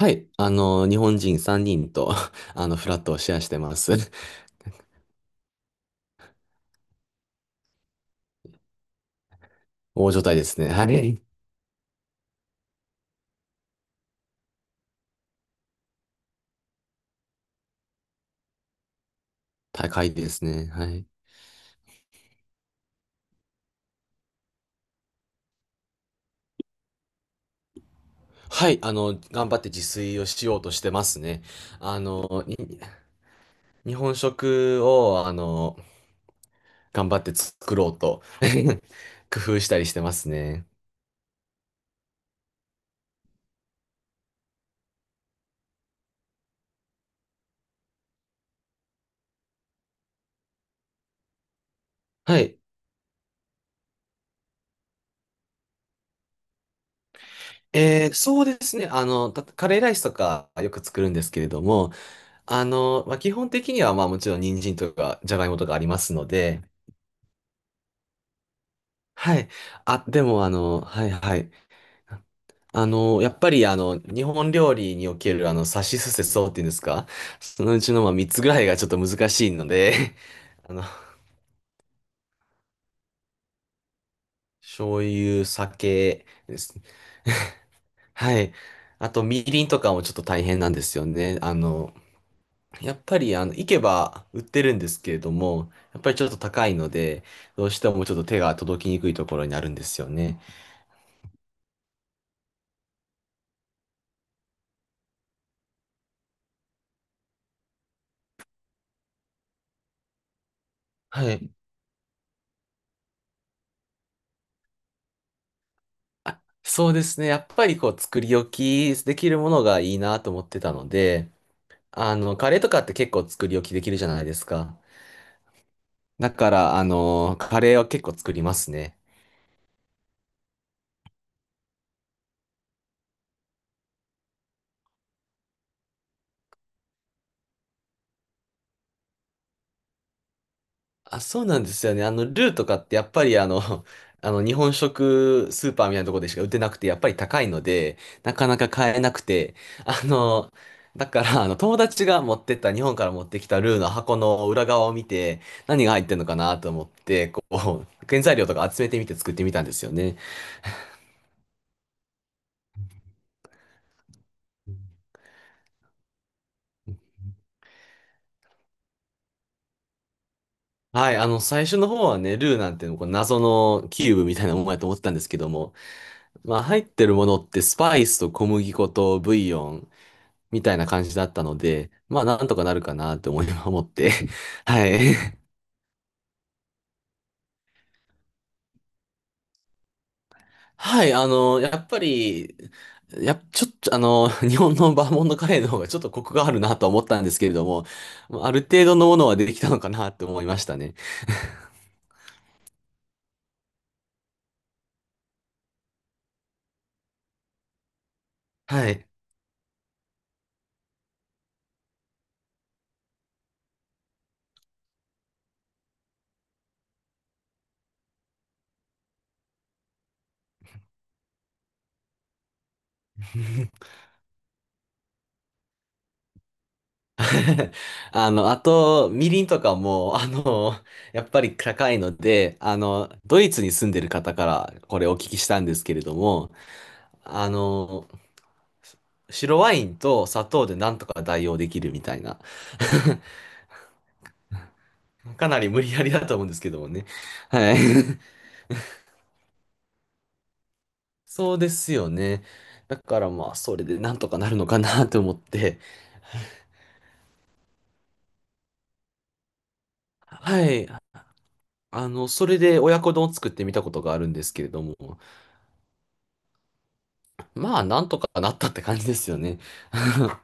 はい。日本人3人と、フラットをシェアしてます。大所帯ですね。はい。高いですね。はい。はい。頑張って自炊をしようとしてますね。あの、に日本食を、頑張って作ろうと 工夫したりしてますね。はい。そうですね。カレーライスとかよく作るんですけれども、まあ、基本的には、まあもちろん人参とかじゃがいもとかありますので、はい。あ、でもはいはい。やっぱり日本料理におけるさしすせそっていうんですか？ そのうちのまあ3つぐらいがちょっと難しいので あの、醤油、酒です。はい。あと、みりんとかもちょっと大変なんですよね。やっぱり、行けば売ってるんですけれども、やっぱりちょっと高いので、どうしてもちょっと手が届きにくいところになるんですよね。はい。そうですね。やっぱりこう作り置きできるものがいいなと思ってたので、カレーとかって結構作り置きできるじゃないですか。だから、カレーは結構作りますね。あ、そうなんですよね。ルーとかってやっぱり日本食スーパーみたいなところでしか売ってなくて、やっぱり高いので、なかなか買えなくて、あの、だから、友達が持ってった、日本から持ってきたルーの箱の裏側を見て、何が入ってるのかなと思って、こう、原材料とか集めてみて作ってみたんですよね。はい、最初の方はね、ルーなんていうの、こう謎のキューブみたいなものやと思ってたんですけども、まあ、入ってるものってスパイスと小麦粉とブイヨン、みたいな感じだったので、まあなんとかなるかなって思って。はい。はい、やっぱり、ちょっと、日本のバーモントカレーの方がちょっとコクがあるなと思ったんですけれども、まあある程度のものはできたのかなって思いましたね。はい。あと、みりんとかも、やっぱり高いので、ドイツに住んでる方からこれお聞きしたんですけれども、あの、白ワインと砂糖でなんとか代用できるみたいな。かなり無理やりだと思うんですけどもね。はい。そうですよね。だからまあ、それでなんとかなるのかなと思って。はい。それで親子丼を作ってみたことがあるんですけれども、まあ、なんとかなったって感じですよね。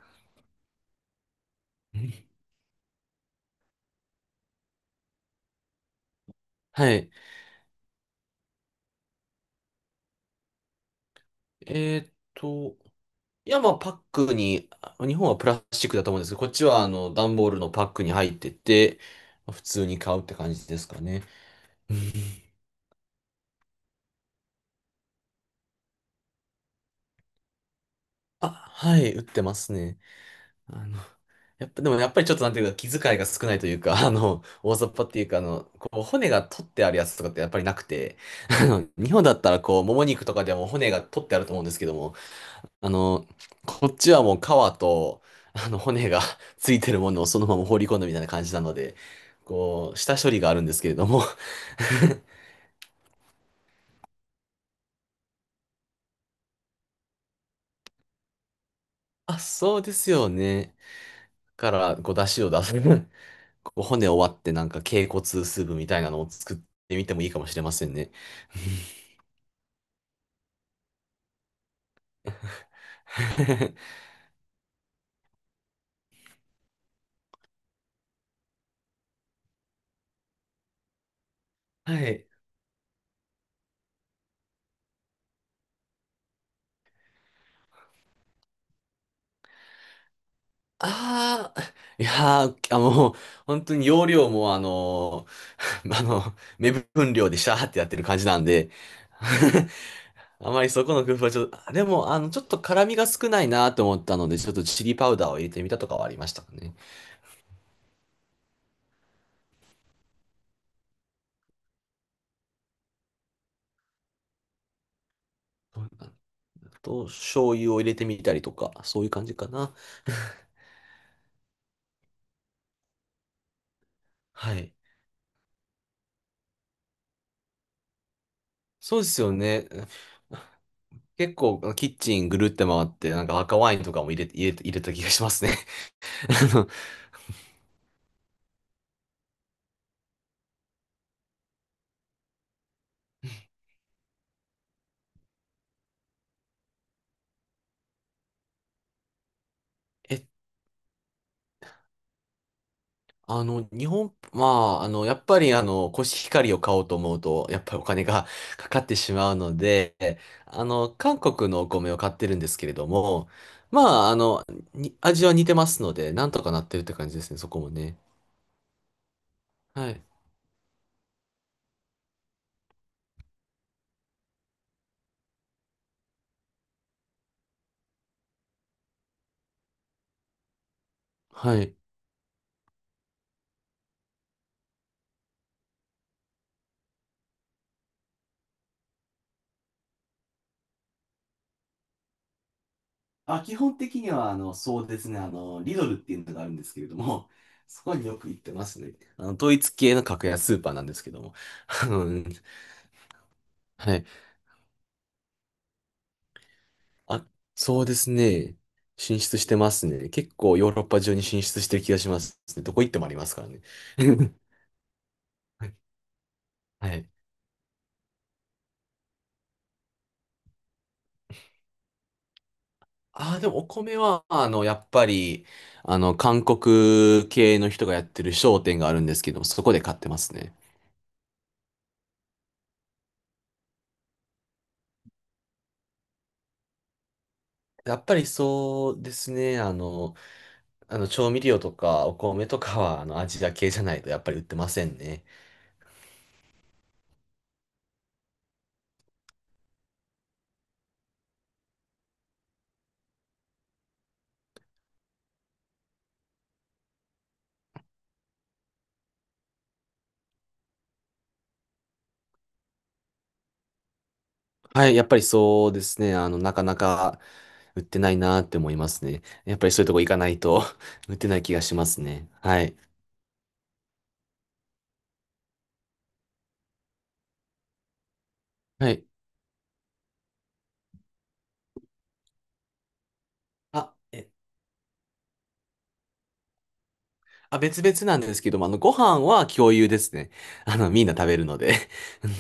はい。えーっと、いや、まあ、パックに、日本はプラスチックだと思うんですけど、こっちは、段ボールのパックに入ってて、普通に買うって感じですかね。うん。あ、はい、売ってますね。あの、やっぱ、でもやっぱりちょっとなんていうか、気遣いが少ないというか、大雑把っていうか、こう、骨が取ってあるやつとかってやっぱりなくて、日本だったら、こう、もも肉とかでも骨が取ってあると思うんですけども、あの、こっちはもう皮と、骨が ついてるものをそのまま放り込んだみたいな感じなので、こう、下処理があるんですけれども、あ、そうですよね。から、こう、出汁を出す。こう骨を割って、なんか、脛骨スープみたいなのを作ってみてもいいかもしれませんね。はい。ああ、いやー、あもう、本当に容量も、ー あの、目分量でシャーってやってる感じなんで、あまりそこの工夫はちょっと、でも、ちょっと辛みが少ないなと思ったので、ちょっとチリパウダーを入れてみたとかはありましたかね。そういう感じあと、醤油を入れてみたりとか、そういう感じかな。はい。そうですよね。結構、キッチンぐるって回って、なんか赤ワインとかも入れた気がしますね。あのえっあの、日本、まあ、やっぱり、コシヒカリを買おうと思うと、やっぱりお金が かかってしまうので、韓国のお米を買ってるんですけれども、まあ、味は似てますので、なんとかなってるって感じですね、そこもね。はい。はい。あ、基本的には、そうですね、リドルっていうのがあるんですけれども、そこによく行ってますね。統一系の格安スーパーなんですけども。うん。はい。あ、そうですね。進出してますね。結構ヨーロッパ中に進出してる気がしますね。どこ行ってもありますからね。はい。ああ、でもお米は、やっぱり、韓国系の人がやってる商店があるんですけど、そこで買ってますね。やっぱりそうですね。あの調味料とかお米とかは、アジア系じゃないとやっぱり売ってませんね。はい、やっぱりそうですね。なかなか売ってないなって思いますね。やっぱりそういうとこ行かないと 売ってない気がしますね。はい。はい。あ、え、あ、別々なんですけども、ご飯は共有ですね。みんな食べるので うん。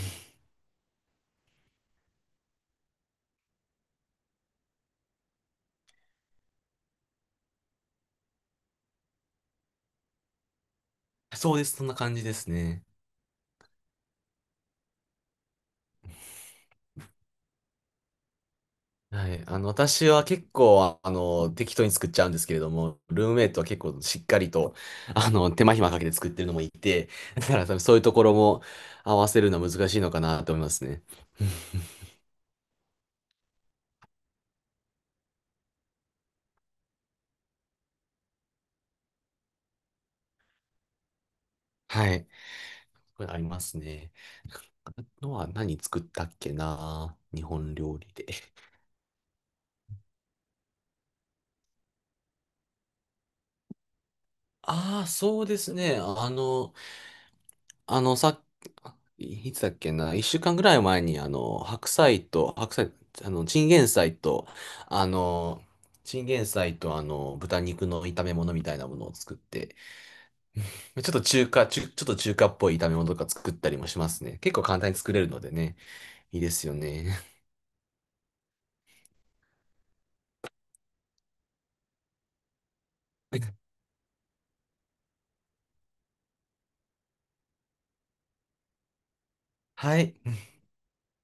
そうです。そんな感じですね。はい。私は結構、適当に作っちゃうんですけれども、ルームメイトは結構しっかりと、手間暇かけて作ってるのもいて、だから多分そういうところも合わせるのは難しいのかなと思いますね。はい。これありますね。あとは何作ったっけな、日本料理で。ああ、そうですね。あの、さいつだっけな、一週間ぐらい前に、白菜と、白菜、あの、チンゲン菜と、あの、豚肉の炒め物みたいなものを作って、ちょっと中華っぽい炒め物とか作ったりもしますね。結構簡単に作れるのでね、いいですよね。はい。